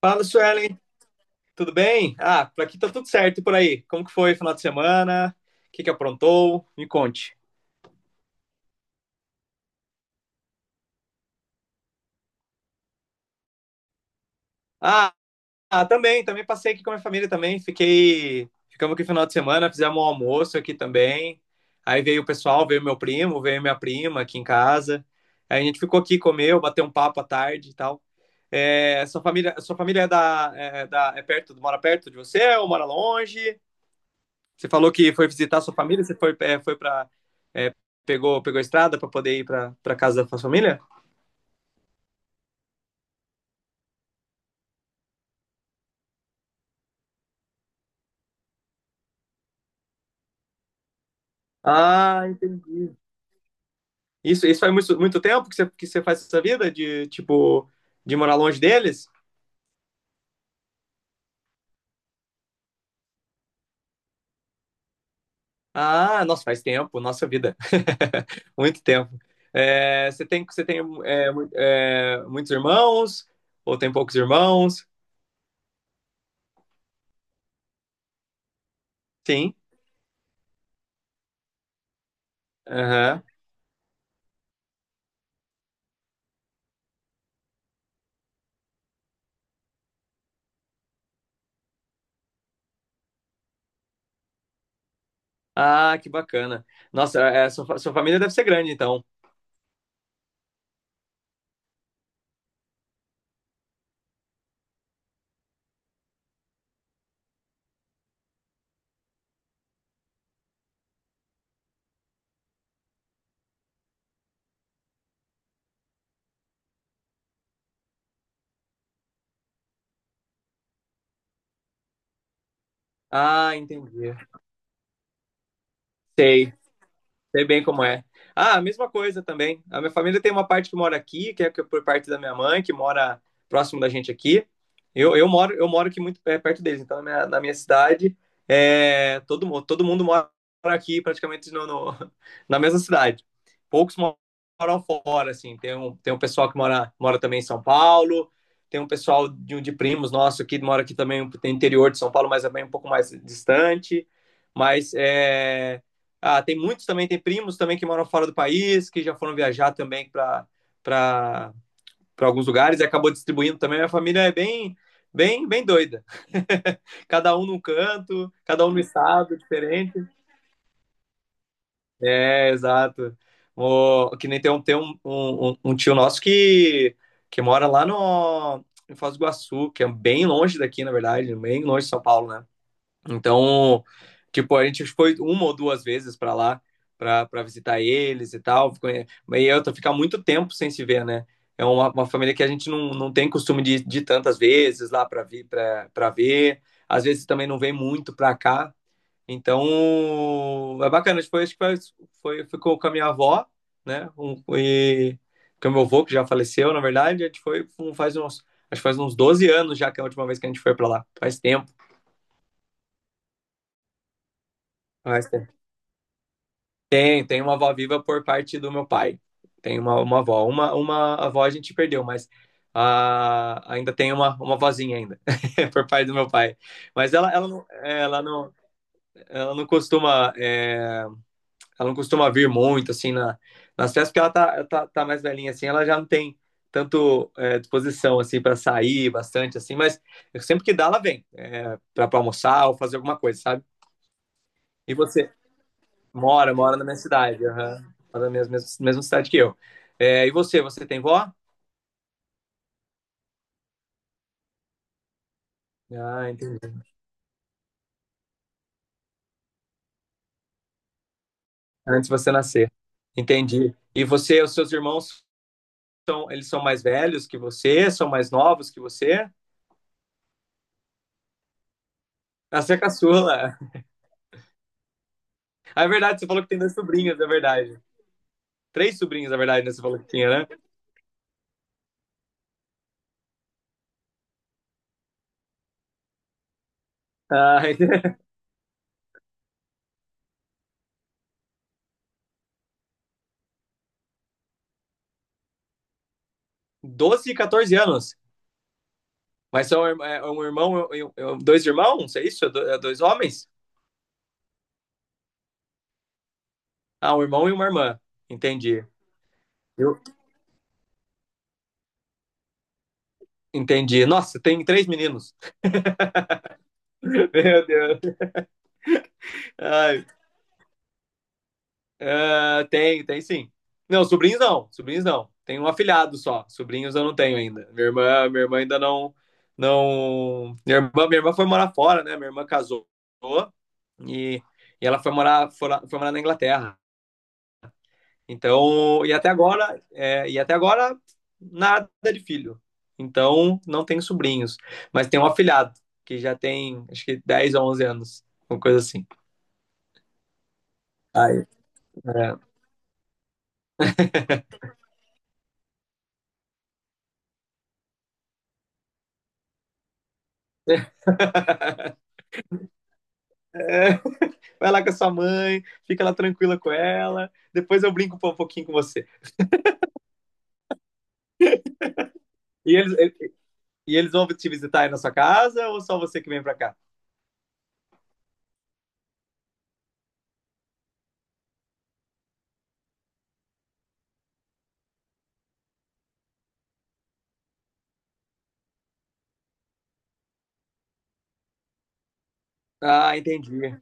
Fala, Suelen, tudo bem? Ah, por aqui tá tudo certo e por aí. Como que foi o final de semana? O que que aprontou? Me conte. Ah, ah, também passei aqui com a minha família também. Ficamos aqui no final de semana, fizemos um almoço aqui também. Aí veio o pessoal, veio meu primo, veio minha prima aqui em casa. Aí a gente ficou aqui, comeu, bateu um papo à tarde e tal. É, sua família é perto, mora perto de você ou mora longe? Você falou que foi visitar sua família, você foi, foi para é, pegou a estrada para poder ir para casa da sua família? Ah, entendi. Isso faz muito, muito tempo que você faz essa vida de tipo de morar longe deles? Ah, nossa, faz tempo, nossa vida. Muito tempo. É, você tem muitos irmãos? Ou tem poucos irmãos? Sim. Aham. Ah, que bacana. Nossa, sua família deve ser grande, então. Ah, entendi. Sei. Sei bem como é. Ah, a mesma coisa também. A minha família tem uma parte que mora aqui, por parte da minha mãe, que mora próximo da gente aqui. Eu moro aqui muito perto deles, então na minha cidade, todo mundo mora aqui praticamente na mesma cidade. Poucos moram fora, assim. Tem um pessoal que mora também em São Paulo, tem um pessoal de primos nosso aqui, mora aqui também, um, tem interior de São Paulo, mas é bem um pouco mais distante. Mas é. Ah, tem muitos também, tem primos também que moram fora do país, que já foram viajar também para alguns lugares e acabou distribuindo também. Minha família é bem, bem, bem doida. Cada um num canto, cada um no estado diferente. É, exato. O, que nem tem um tio nosso que mora lá no, em Foz do Iguaçu, que é bem longe daqui, na verdade, bem longe de São Paulo, né? Então, tipo, a gente foi uma ou duas vezes para lá para visitar eles e tal. E eu tô ficar muito tempo sem se ver, né? É uma família que a gente não tem costume de tantas vezes lá para vir para ver. Às vezes também não vem muito para cá. Então, é bacana. Tipo, acho que ficou com a minha avó, né? E com o meu avô, que já faleceu, na verdade. A gente foi um- faz uns, acho que faz uns 12 anos já que é a última vez que a gente foi para lá. Faz tempo. Faz tempo. Tem uma avó viva por parte do meu pai. Tem uma avó. Uma avó a gente perdeu, mas ah, ainda tem uma vozinha ainda, por parte do meu pai. Mas não, ela, não, ela não costuma vir muito assim nas festas, porque ela tá mais velhinha assim, ela já não tem tanto disposição assim para sair bastante assim, mas sempre que dá ela vem, para almoçar ou fazer alguma coisa, sabe? E você? Mora na minha cidade, aham. Mora na mesma cidade que eu. É, e você tem vó? Ah, entendi. Antes de você nascer. Entendi. E você, os seus irmãos, eles são mais velhos que você? São mais novos que você? Ah, você é caçula. Ah, é verdade, você falou que tem dois sobrinhos, é verdade. Três sobrinhos, na verdade, né? Você falou que tinha, né? Ah, 12 e 14 anos. Mas são irm- é é um irmão, dois irmãos? É isso? É dois homens? Ah, um irmão e uma irmã. Entendi. E Entendi. Nossa, tem três meninos. Meu Deus. Ai, ah, tem sim. Não, sobrinhos não, sobrinhos não. Tenho um afilhado só. Sobrinhos eu não tenho ainda. Minha irmã ainda não, não. Minha irmã foi morar fora, né? Minha irmã casou e, e ela foi morar na Inglaterra. Então, e até agora, é, e até agora nada de filho. Então, não tenho sobrinhos, mas tenho um afilhado que já tem acho que 10 a 11 anos, uma coisa assim. Aí, É, é, vai lá com a sua mãe, fica lá tranquila com ela, depois eu brinco um pouquinho com você. E eles, e eles vão te visitar aí na sua casa ou só você que vem pra cá? Ah, entendi.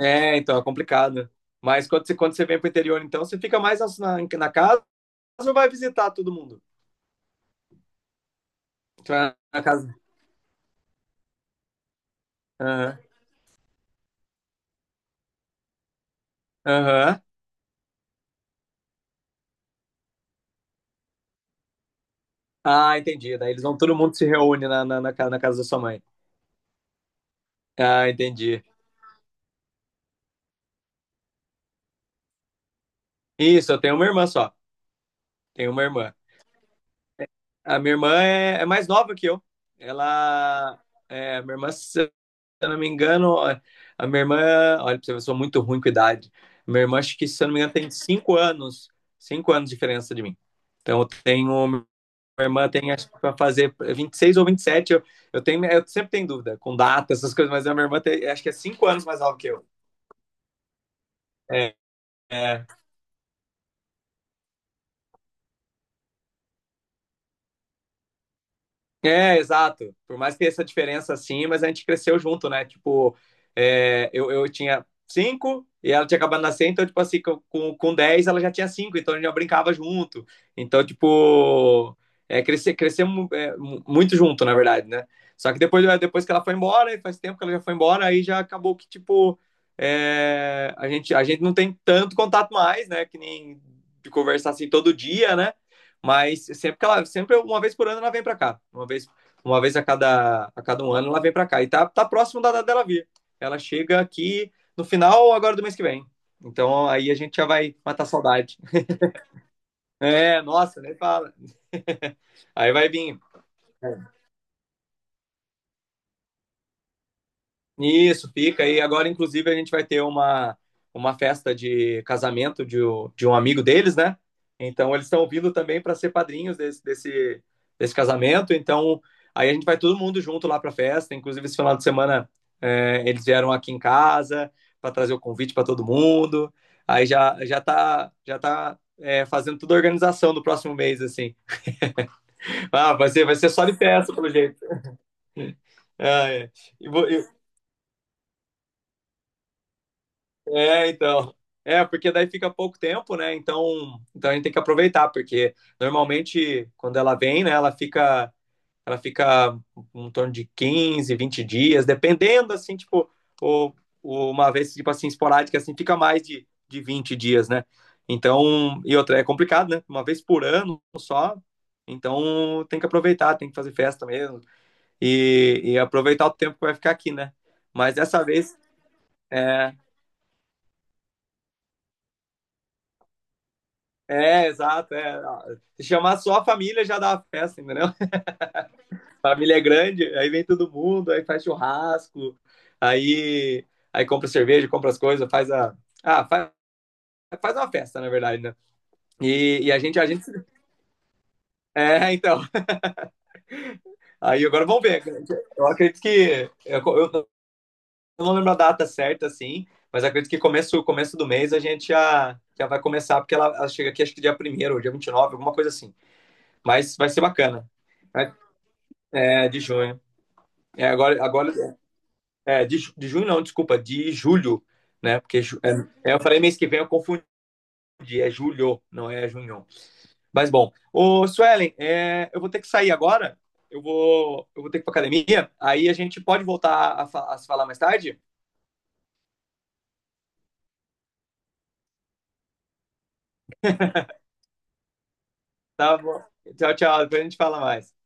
É, então é complicado. Mas quando você vem pro interior, então, você fica mais na casa ou vai visitar todo mundo? Tu vai na casa. Aham. Aham. Ah, entendi. Daí eles vão, todo mundo se reúne na casa da sua mãe. Ah, entendi. Isso, eu tenho uma irmã só. Tenho uma irmã. A minha irmã é mais nova que eu. Ela. É, a minha irmã, se eu não me engano, a minha irmã. Olha, pra você ver, eu sou muito ruim com idade. Minha irmã, acho que, se eu não me engano, tem 5 anos. 5 anos de diferença de mim. Então, eu tenho. Minha irmã tem, acho que, pra fazer 26 ou 27. Eu sempre tenho dúvida com data, essas coisas, mas a minha irmã tem, acho que é 5 anos mais nova que eu. É, é, É, exato. Por mais que essa diferença assim, mas a gente cresceu junto, né? Tipo, eu tinha cinco e ela tinha acabado de nascer, então, tipo assim, com 10 ela já tinha cinco, então a gente já brincava junto. Então, tipo, crescemos muito junto, na verdade, né? Só que depois que ela foi embora, e faz tempo que ela já foi embora, aí já acabou que, tipo, a gente não tem tanto contato mais, né? Que nem de conversar assim todo dia, né? Mas sempre uma vez por ano ela vem para cá, uma vez a cada um ano ela vem para cá e tá próximo da data dela vir. Ela chega aqui no final agora do mês que vem. Então aí a gente já vai matar a saudade. É, nossa, nem fala. Aí vai vir. Isso, fica. E agora, inclusive, a gente vai ter uma festa de casamento de um amigo deles, né? Então, eles estão vindo também para ser padrinhos desse casamento. Então, aí a gente vai todo mundo junto lá para a festa. Inclusive, esse final de semana, eles vieram aqui em casa para trazer o convite para todo mundo. Aí já tá fazendo toda a organização do próximo mês, assim. Ah, vai ser só de festa, pelo jeito. Ah, é. E, vo- e É, então. É, porque daí fica pouco tempo, né? Então a gente tem que aproveitar, porque normalmente quando ela vem, né, ela fica em torno de 15, 20 dias, dependendo assim, tipo, ou, ou uma vez tipo assim esporádica assim, fica mais de 20 dias, né? Então, e outra é complicado, né? Uma vez por ano só. Então, tem que aproveitar, tem que fazer festa mesmo e aproveitar o tempo que vai ficar aqui, né? Mas dessa vez, é, É, exato. É. Se chamar só a família já dá a festa, entendeu? A família é grande, aí vem todo mundo, aí faz churrasco, aí compra cerveja, compra as coisas, faz a. Ah, faz uma festa, na verdade, né? E a gente. É, então. Aí agora vamos ver. Eu acredito que. Eu não lembro a data certa, assim, mas acredito que começo do mês a gente já vai começar, porque ela chega aqui acho que dia primeiro, ou dia 29, alguma coisa assim. Mas vai ser bacana. Vai- É, de junho. É, agora de junho não, desculpa, de julho, né? Porque eu falei mês que vem, eu confundi, é julho, não é junho. Mas bom, ô Suelen, eu vou ter que sair agora, eu vou ter que ir pra academia, aí a gente pode voltar a se falar mais tarde? Tá bom. Tchau, tchau, depois a gente fala mais.